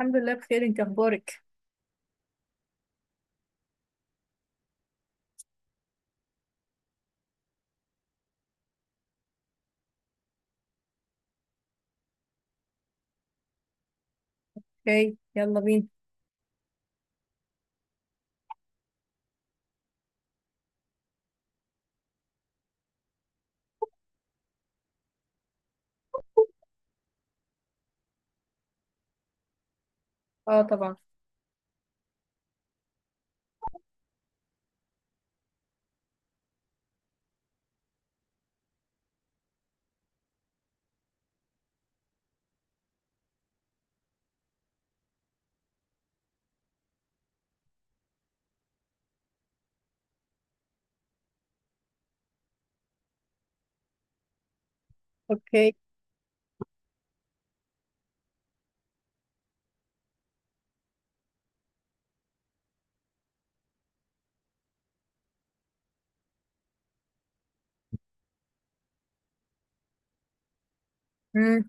الحمد لله بخير، انت اخبارك؟ اوكي، يلا بينا. اه، طبعا. اوكي. امم.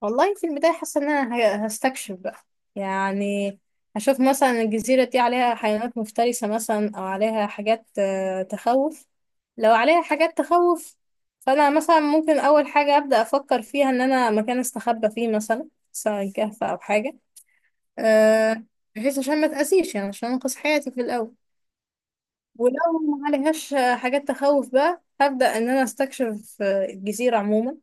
والله في البدايه، حاسه ان انا هستكشف بقى، يعني هشوف مثلا الجزيره دي عليها حيوانات مفترسه مثلا، او عليها حاجات تخوف. لو عليها حاجات تخوف، فانا مثلا ممكن اول حاجه ابدا افكر فيها ان انا مكان استخبى فيه، مثلا سواء كهف او حاجه، أه بحيث عشان ما تاذيش، يعني عشان انقذ حياتي في الاول. ولو ما عليهاش حاجات تخوف، بقى هبدأ إن أنا أستكشف الجزيرة عموما.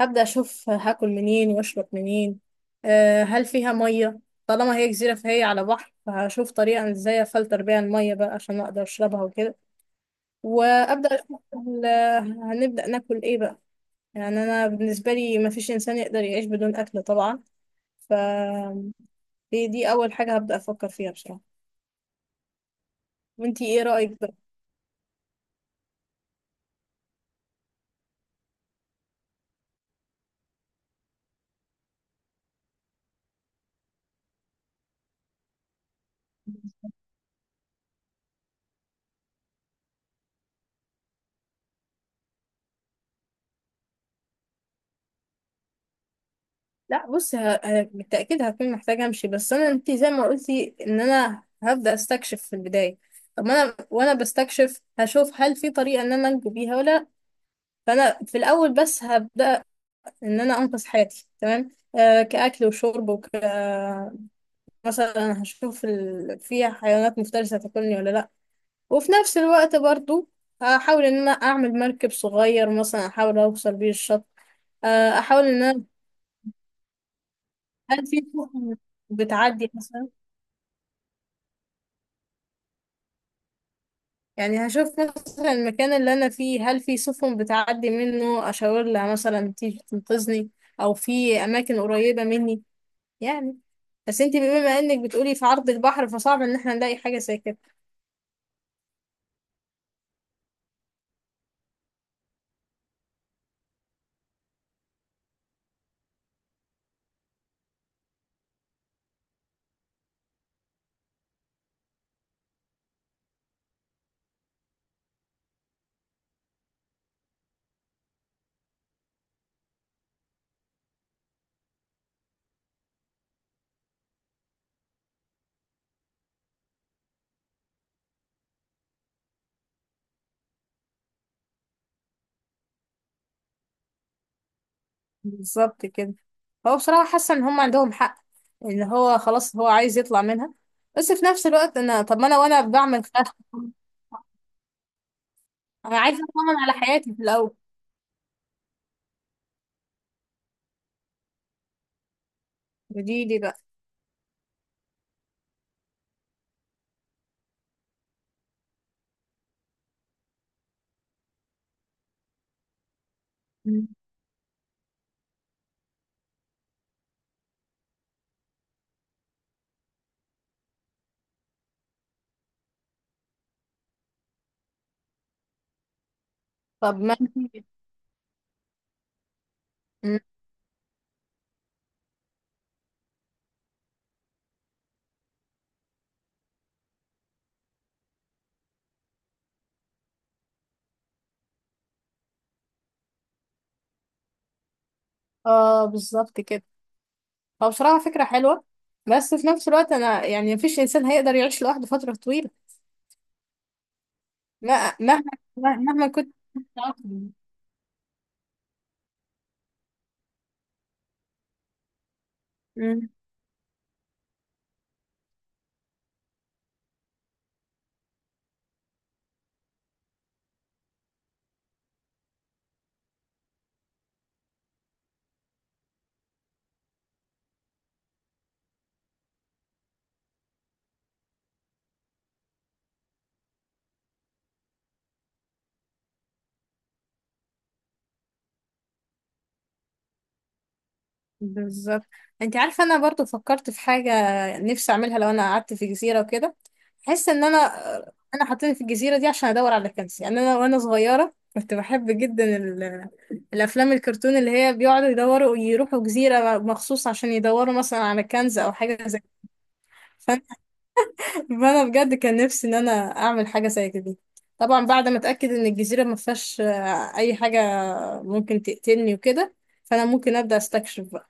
هبدأ أشوف هاكل منين وأشرب منين. هل فيها مية؟ طالما هي جزيرة فهي على بحر، فهشوف طريقة إزاي أفلتر بيها المية بقى عشان أقدر أشربها وكده. وأبدأ أشوف هنبدأ ناكل إيه بقى؟ يعني أنا بالنسبة لي مفيش إنسان يقدر يعيش بدون أكل طبعا. فدي دي أول حاجة هبدأ أفكر فيها بصراحة. وإنتي إيه رأيك بقى؟ لا، بص، بالتأكيد هكون محتاجة امشي. بس انا، انت زي ما قلتي، ان انا هبدأ استكشف في البداية. طب ما انا وانا بستكشف هشوف هل في طريقة ان انا انجو بيها ولا لأ. فانا في الاول بس هبدأ ان انا انقذ حياتي، تمام. كأكل وشرب مثلا هشوف في حيوانات مفترسة تاكلني ولا لا. وفي نفس الوقت برضو، هحاول ان انا اعمل مركب صغير، مثلا احاول اوصل بيه الشط. احاول ان انا. هل في سفن بتعدي مثلا؟ يعني هشوف مثلا المكان اللي انا فيه، هل في سفن بتعدي منه اشاور لها مثلا تيجي تنقذني، او في اماكن قريبة مني، يعني. بس انتي بما انك بتقولي في عرض البحر، فصعب ان احنا نلاقي حاجة زي كده. بالظبط كده. هو بصراحة حاسة ان هم عندهم حق، ان هو خلاص هو عايز يطلع منها. بس في نفس الوقت انا، طب ما انا وانا بعمل خطة. انا عايزة اطمن على حياتي في الاول. جديدي بقى. مم. طب ما انتي. مم. اه، بالظبط كده. هو بصراحة فكرة حلوة. بس في نفس الوقت أنا، يعني مفيش إنسان هيقدر يعيش لوحده فترة طويلة. ما- مهما مهما كنت متعاقد. مم. بالظبط. انت عارفة، أنا برضو فكرت في حاجة نفسي أعملها لو أنا قعدت في جزيرة وكده. أحس إن أنا حاطيني في الجزيرة دي عشان أدور على كنز. يعني أنا وأنا صغيرة كنت بحب جدا الأفلام الكرتون اللي هي بيقعدوا يدوروا، يروحوا جزيرة مخصوص عشان يدوروا مثلا على كنز أو حاجة زي كده. فانا بجد كان نفسي ان انا اعمل حاجه زي كده. طبعا بعد ما اتاكد ان الجزيره ما فيهاش اي حاجه ممكن تقتلني وكده، فانا ممكن ابدا استكشف بقى.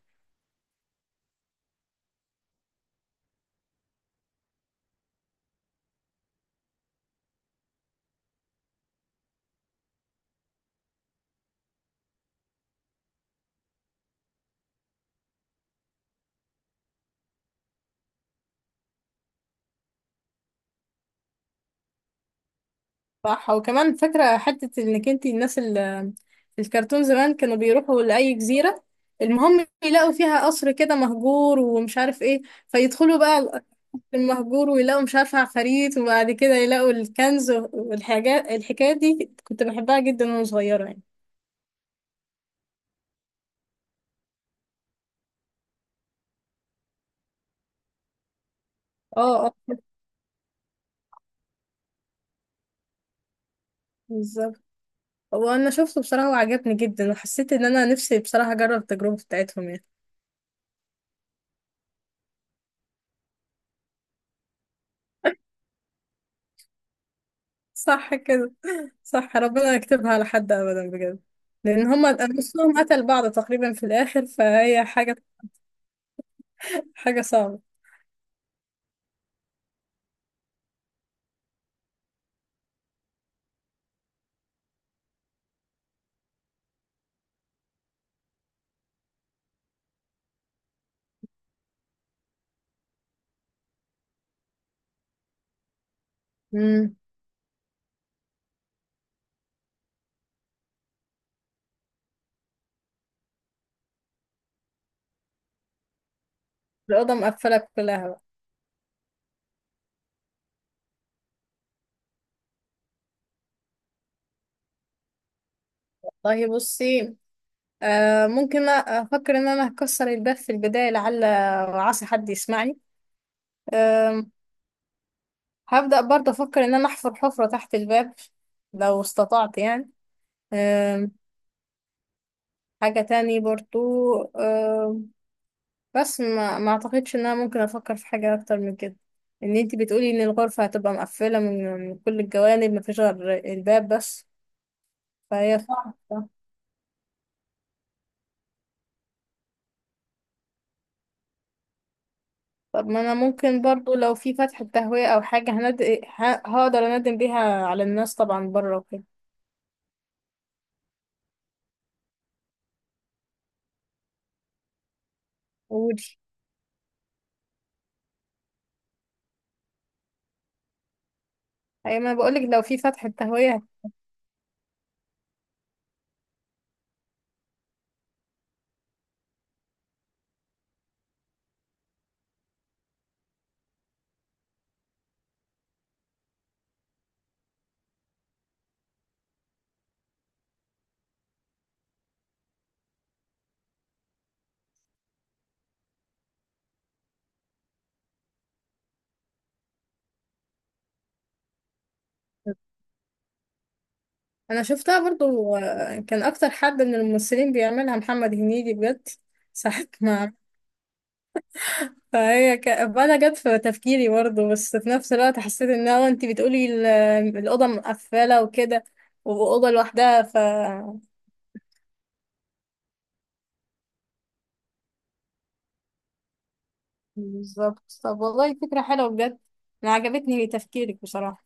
صح. وكمان فاكره حته انك، انت الناس اللي في الكرتون زمان كانوا بيروحوا لاي جزيره، المهم يلاقوا فيها قصر كده مهجور ومش عارف ايه، فيدخلوا بقى القصر المهجور ويلاقوا مش عارفه عفاريت، وبعد كده يلاقوا الكنز والحاجات. الحكايه دي كنت بحبها جدا وانا صغيره، يعني. اه، اه. بالظبط. هو انا شفته بصراحة وعجبني جدا، وحسيت ان انا نفسي بصراحة اجرب التجربة بتاعتهم، يعني. صح كده. صح، ربنا يكتبها على حد ابدا بجد، لان هما نصهم قتل بعض تقريبا في الاخر، فهي حاجة صعبة. امم. الأوضة مقفلة كلها بقى؟ والله بصي، ممكن أفكر إن أنا هكسر الباب في البداية، لعل وعسى حد يسمعني. آه هبدأ برضه أفكر إن أنا أحفر حفرة تحت الباب لو استطعت، يعني. حاجة تاني برضو، آه، بس ما اعتقدش ان انا ممكن افكر في حاجة اكتر من كده، ان انتي بتقولي ان الغرفة هتبقى مقفلة من كل الجوانب، ما فيش غير الباب بس. فهي صعبة. طب ما انا ممكن برضو لو في فتحة تهوية او حاجة، هقدر اندم بيها على الناس طبعا بره وكده. ودي. اي، ما أنا بقولك لو في فتحة تهوية. انا شفتها برضو، كان اكتر حد من الممثلين بيعملها محمد هنيدي بجد ساعة ما. فهي انا جت في تفكيري برضه، بس في نفس الوقت حسيت ان انا، انت بتقولي الاوضه مقفله وكده، واوضه لوحدها بالظبط. طب والله فكره حلوه بجد، انا عجبتني تفكيرك بصراحه.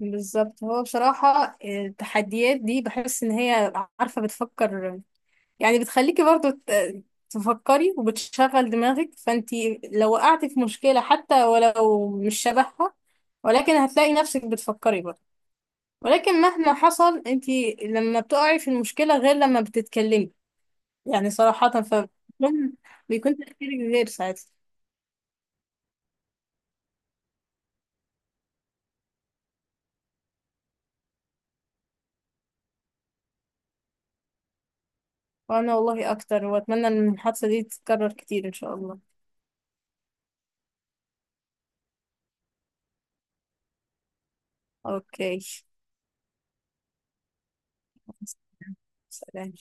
بالظبط. هو بصراحه التحديات دي بحس ان هي، عارفه، بتفكر. يعني بتخليكي برضه تفكري وبتشغل دماغك، فانت لو وقعتي في مشكله، حتى ولو مش شبهها، ولكن هتلاقي نفسك بتفكري برضه. ولكن مهما حصل انت لما بتقعي في المشكلة غير لما بتتكلمي، يعني صراحة، بيكون تفكيرك غير ساعتها. وانا والله اكتر، واتمنى ان الحادثة دي تتكرر كتير ان شاء الله. اوكي. سلام.